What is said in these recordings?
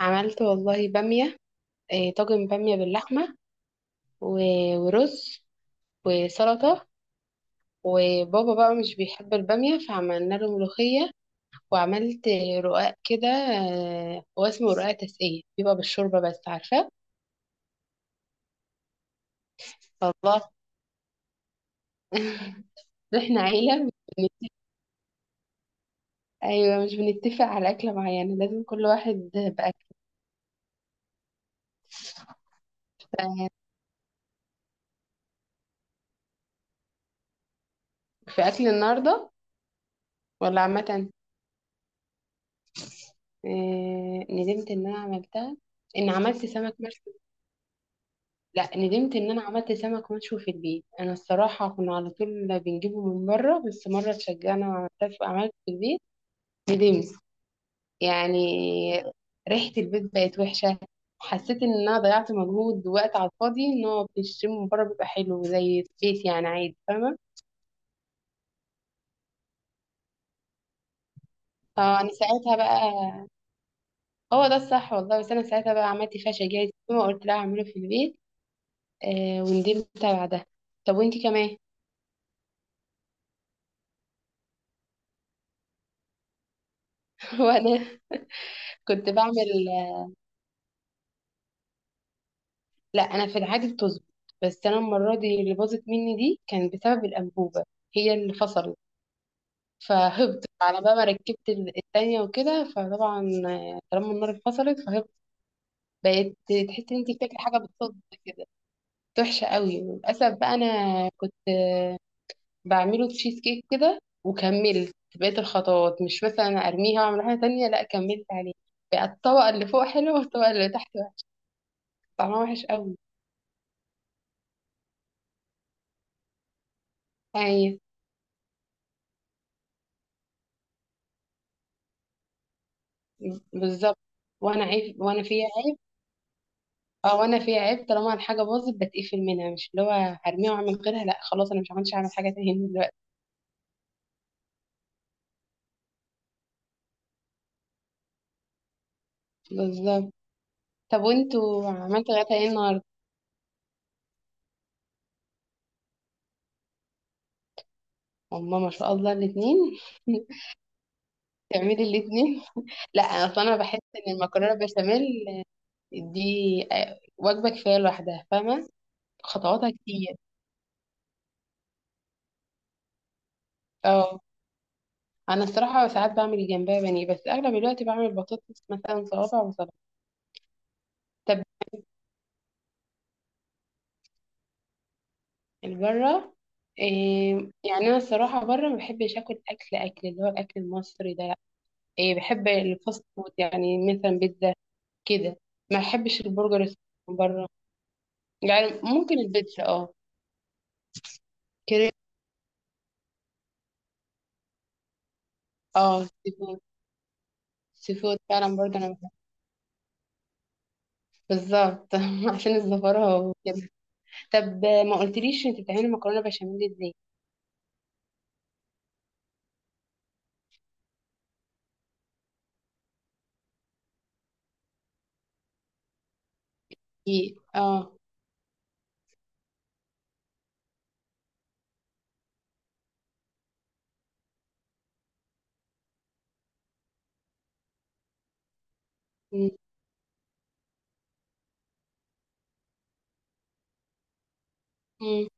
عملت والله بامية. طاجن بامية باللحمة ورز وسلطة. وبابا بقى مش بيحب البامية فعملنا له ملوخية. وعملت رقاق كده. هو اسمه رقاق تسقية، بيبقى بالشوربة بس عارفة. الله. احنا عيلة مش بنت- أيوة، مش بنتفق على أكلة معينة، لازم كل واحد بأكل. في أكل النهاردة؟ ولا عامة. ندمت إن أنا عملتها، إن عملت سمك مرسي. لا، ندمت ان انا عملت سمك مشوي في البيت. انا الصراحه كنا على طول بنجيبه من بره، بس مره اتشجعنا على الطبخ وعملت في البيت. ندمت يعني. ريحه البيت بقت وحشه، حسيت ان انا ضيعت مجهود ووقت على الفاضي، ان هو بيشتري من بره بيبقى حلو زي البيت يعني، عادي، فاهمه. فانا ساعتها بقى، هو ده الصح والله، بس انا ساعتها بقى عملت فاشة جاهز وقلت لها اعمله في البيت. وندمت بعدها. طب وانتي كمان؟ وانا كنت بعمل. لا، انا في العادي بتظبط، بس انا المره دي اللي باظت مني دي كان بسبب الانبوبه، هي اللي فصلت. فهبط على بقى، ما ركبت التانية وكده، فطبعا طالما النار اتفصلت فهبط. بقيت تحس ان انت بتاكلي حاجه بالصدفه كده. كانت وحشه قوي للاسف بقى. انا كنت بعمله تشيز كيك كده وكملت بقيت الخطوات، مش مثلا ارميها واعمل حاجه تانية، لا كملت عليه. بقى الطبقه اللي فوق حلوه والطبقه اللي تحت وحشة. طعمها وحش قوي. ايوه، بالظبط. وانا عيب، وانا فيها عيب. اه، وانا في عيب، طالما الحاجه باظت بتقفل منها، مش اللي هو هرميها واعمل غيرها، لا خلاص انا مش عملتش اعمل حاجه تاني دلوقتي. بالظبط. طب وانتوا عملتوا غدا ايه النهارده؟ هما ما شاء الله الاثنين. تعملي الاثنين. لا، اصل انا بحس ان المكرونه بشاميل دي وجبه كفايه لوحدها، فاهمه. خطواتها كتير. اه. انا الصراحه ساعات بعمل جنبها بانيه، بس اغلب الوقت بعمل بطاطس مثلا، صوابع وسلطه. طب. البره؟ إيه؟ يعني انا الصراحه بره ما بحبش اكل اللي هو الاكل المصري ده، لا. إيه، بحب الفاست فود، يعني مثلا بيتزا كده. ما بحبش البرجر من بره. يعني ممكن البيتزا اه. كريب. اه، سي فود. سي فود فعلا برضه انا بحب. بالظبط. عشان الزفاره وكده. طب ما قلتليش انت بتعملي مكرونه بشاميل ازاي؟ إيه، اه. مم، مم،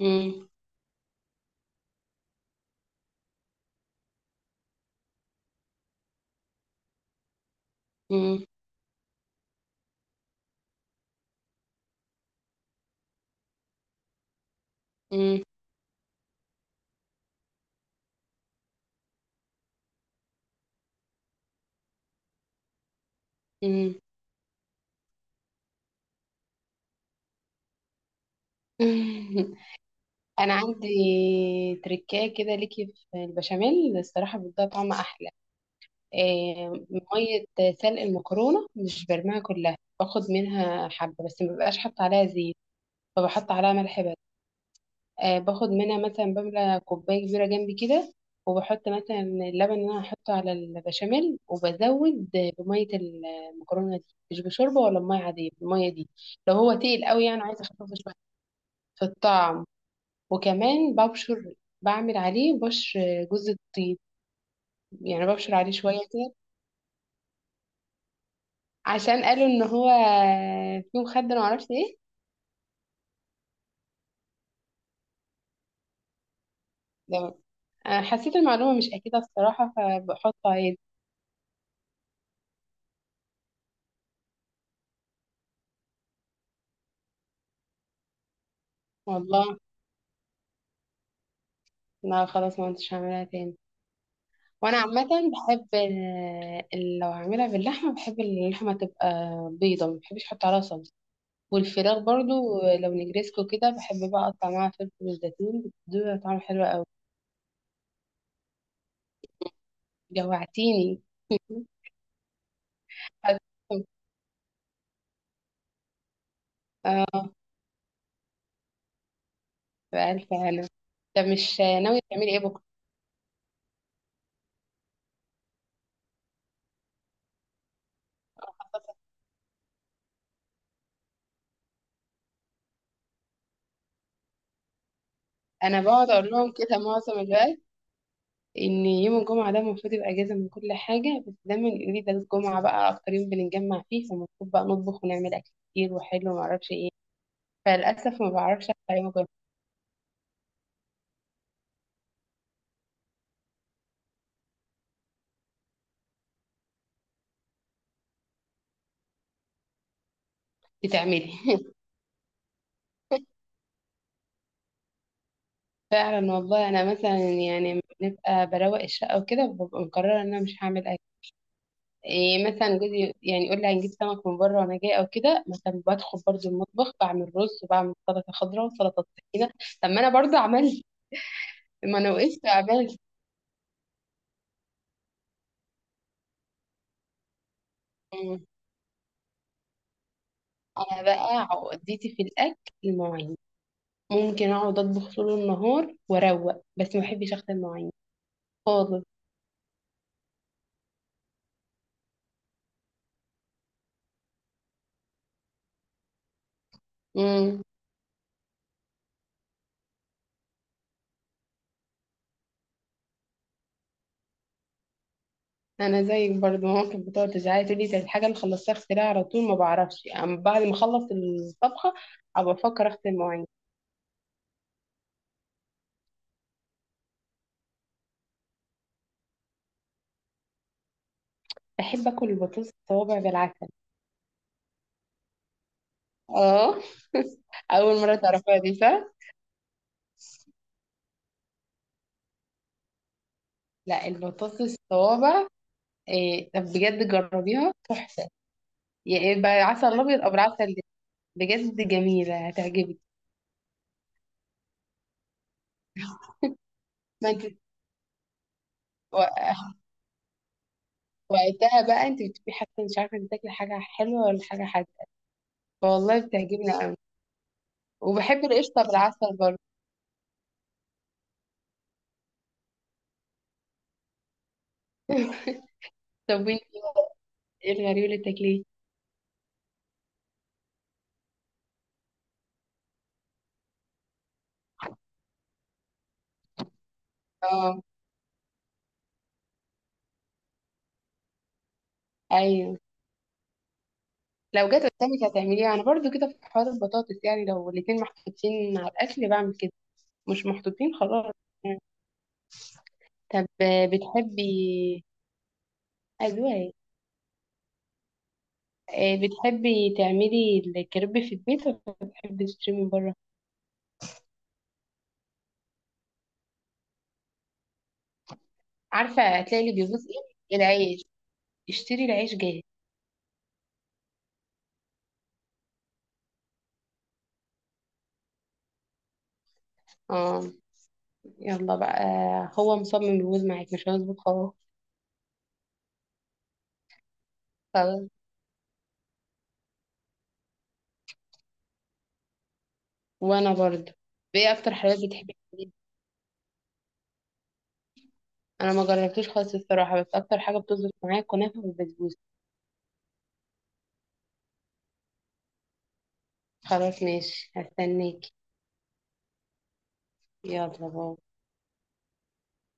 مم، مم، مم، مم. انا عندي تركايه كده ليكي في البشاميل الصراحه بتديها طعم احلى. إيه، ميه سلق المكرونه مش برميها كلها، باخد منها حبه، بس ما ببقاش حاطه عليها زيت، فبحط عليها ملح بس. باخد منها مثلا، بملى كوبايه كبيره جنبي كده، وبحط مثلا اللبن اللي انا هحطه على البشاميل، وبزود بميه المكرونه دي. مش بشوربه ولا بميه عاديه الميه دي، لو هو تقيل قوي يعني، عايزه اخففه شويه. في الطعم. وكمان ببشر، بعمل عليه بشر جوز الطيب، يعني ببشر عليه شوية كده. عشان قالوا ان هو فيه مخدر معرفش ايه ده. انا حسيت المعلومة مش اكيدة الصراحة، فبحطه عادي. والله، لا خلاص ما كنتش هعملها تاني. وانا عامة بحب لو هعملها باللحمة بحب اللحمة تبقى بيضة، ما بحبش احط عليها صلصة. والفراخ برضو لو نجريسكو كده، بحب بقى اقطع معاها فلفل وزيتون، بتديها طعم حلو قوي. جوعتيني. اه. بألف هلا. طب مش ناوية تعملي ايه بكرة؟ انا بقعد اقول لهم كده معظم الوقت، ان يوم الجمعة ده المفروض يبقى اجازة من كل حاجة، بس دايما يقولوا لي ده الجمعة بقى اكتر يوم بنتجمع فيه، فالمفروض بقى نطبخ ونعمل اكل كتير وحلو ومعرفش ايه. فللأسف ما بعرفش اطلع يوم الجمعة. بتعملي. فعلا والله انا مثلا يعني بنبقى بروق الشقة وكده، ببقى مقررة ان انا مش هعمل اكل. إيه، مثلا جوزي يعني يقول لي هنجيب سمك من بره وانا جاي او كده، مثلا بدخل برضو المطبخ، بعمل رز وبعمل سلطه خضراء وسلطه طحينه. طب ما انا برضو عملت، ما انا وقفت عملت. مم. انا بقى عقدتي في الاكل المواعين، ممكن اقعد اطبخ طول النهار واروق، بس ما بحبش اغسل المواعين خالص. امم. انا زيك برضو، ممكن بتقعد تزعلي تقولي ده الحاجه اللي خلصتها اغسلها على طول، ما بعرفش يعني، بعد ما اخلص الطبخه ابقى افكر اغسل المواعين. بحب اكل البطاطس الصوابع بالعسل. اه. اول مره تعرفيها دي صح؟ لا، البطاطس الصوابع. إيه طب بجد جربيها تحفه، يعني بعسل ابيض او بالعسل ده. بجد جميله هتعجبك. ما انت و- وقتها بقى انت بتبقي حاسه، مش عارفه انت تاكلي حاجه حلوه ولا حاجه حادقه. فوالله بتعجبني قوي. وبحب القشطه بالعسل برضه. طب وانت، ايه الغريب اللي بتاكليه؟ اه. ايوه. لو جت قدامك هتعمليها، انا برضو كده في حوار البطاطس يعني، لو الاتنين محطوطين على الاكل بعمل كده. مش محطوطين خلاص يعني. طب بتحبي. أذواق. بتحبي تعملي الكريب في البيت ولا بتحبي تشتري من بره؟ عارفة هتلاقي اللي بيبوظ. ايه العيش، اشتري العيش جاهز. اه. يلا بقى، هو مصمم يبوظ معاك مش هيظبط خالص. خلاص. وانا برضه. ايه اكتر حلويات بتحبي تعمليها؟ انا ما جربتوش خالص الصراحة، بس اكتر حاجة بتظبط معايا كنافة والبسبوسة. خلاص ماشي، هستناكي. يلا باي.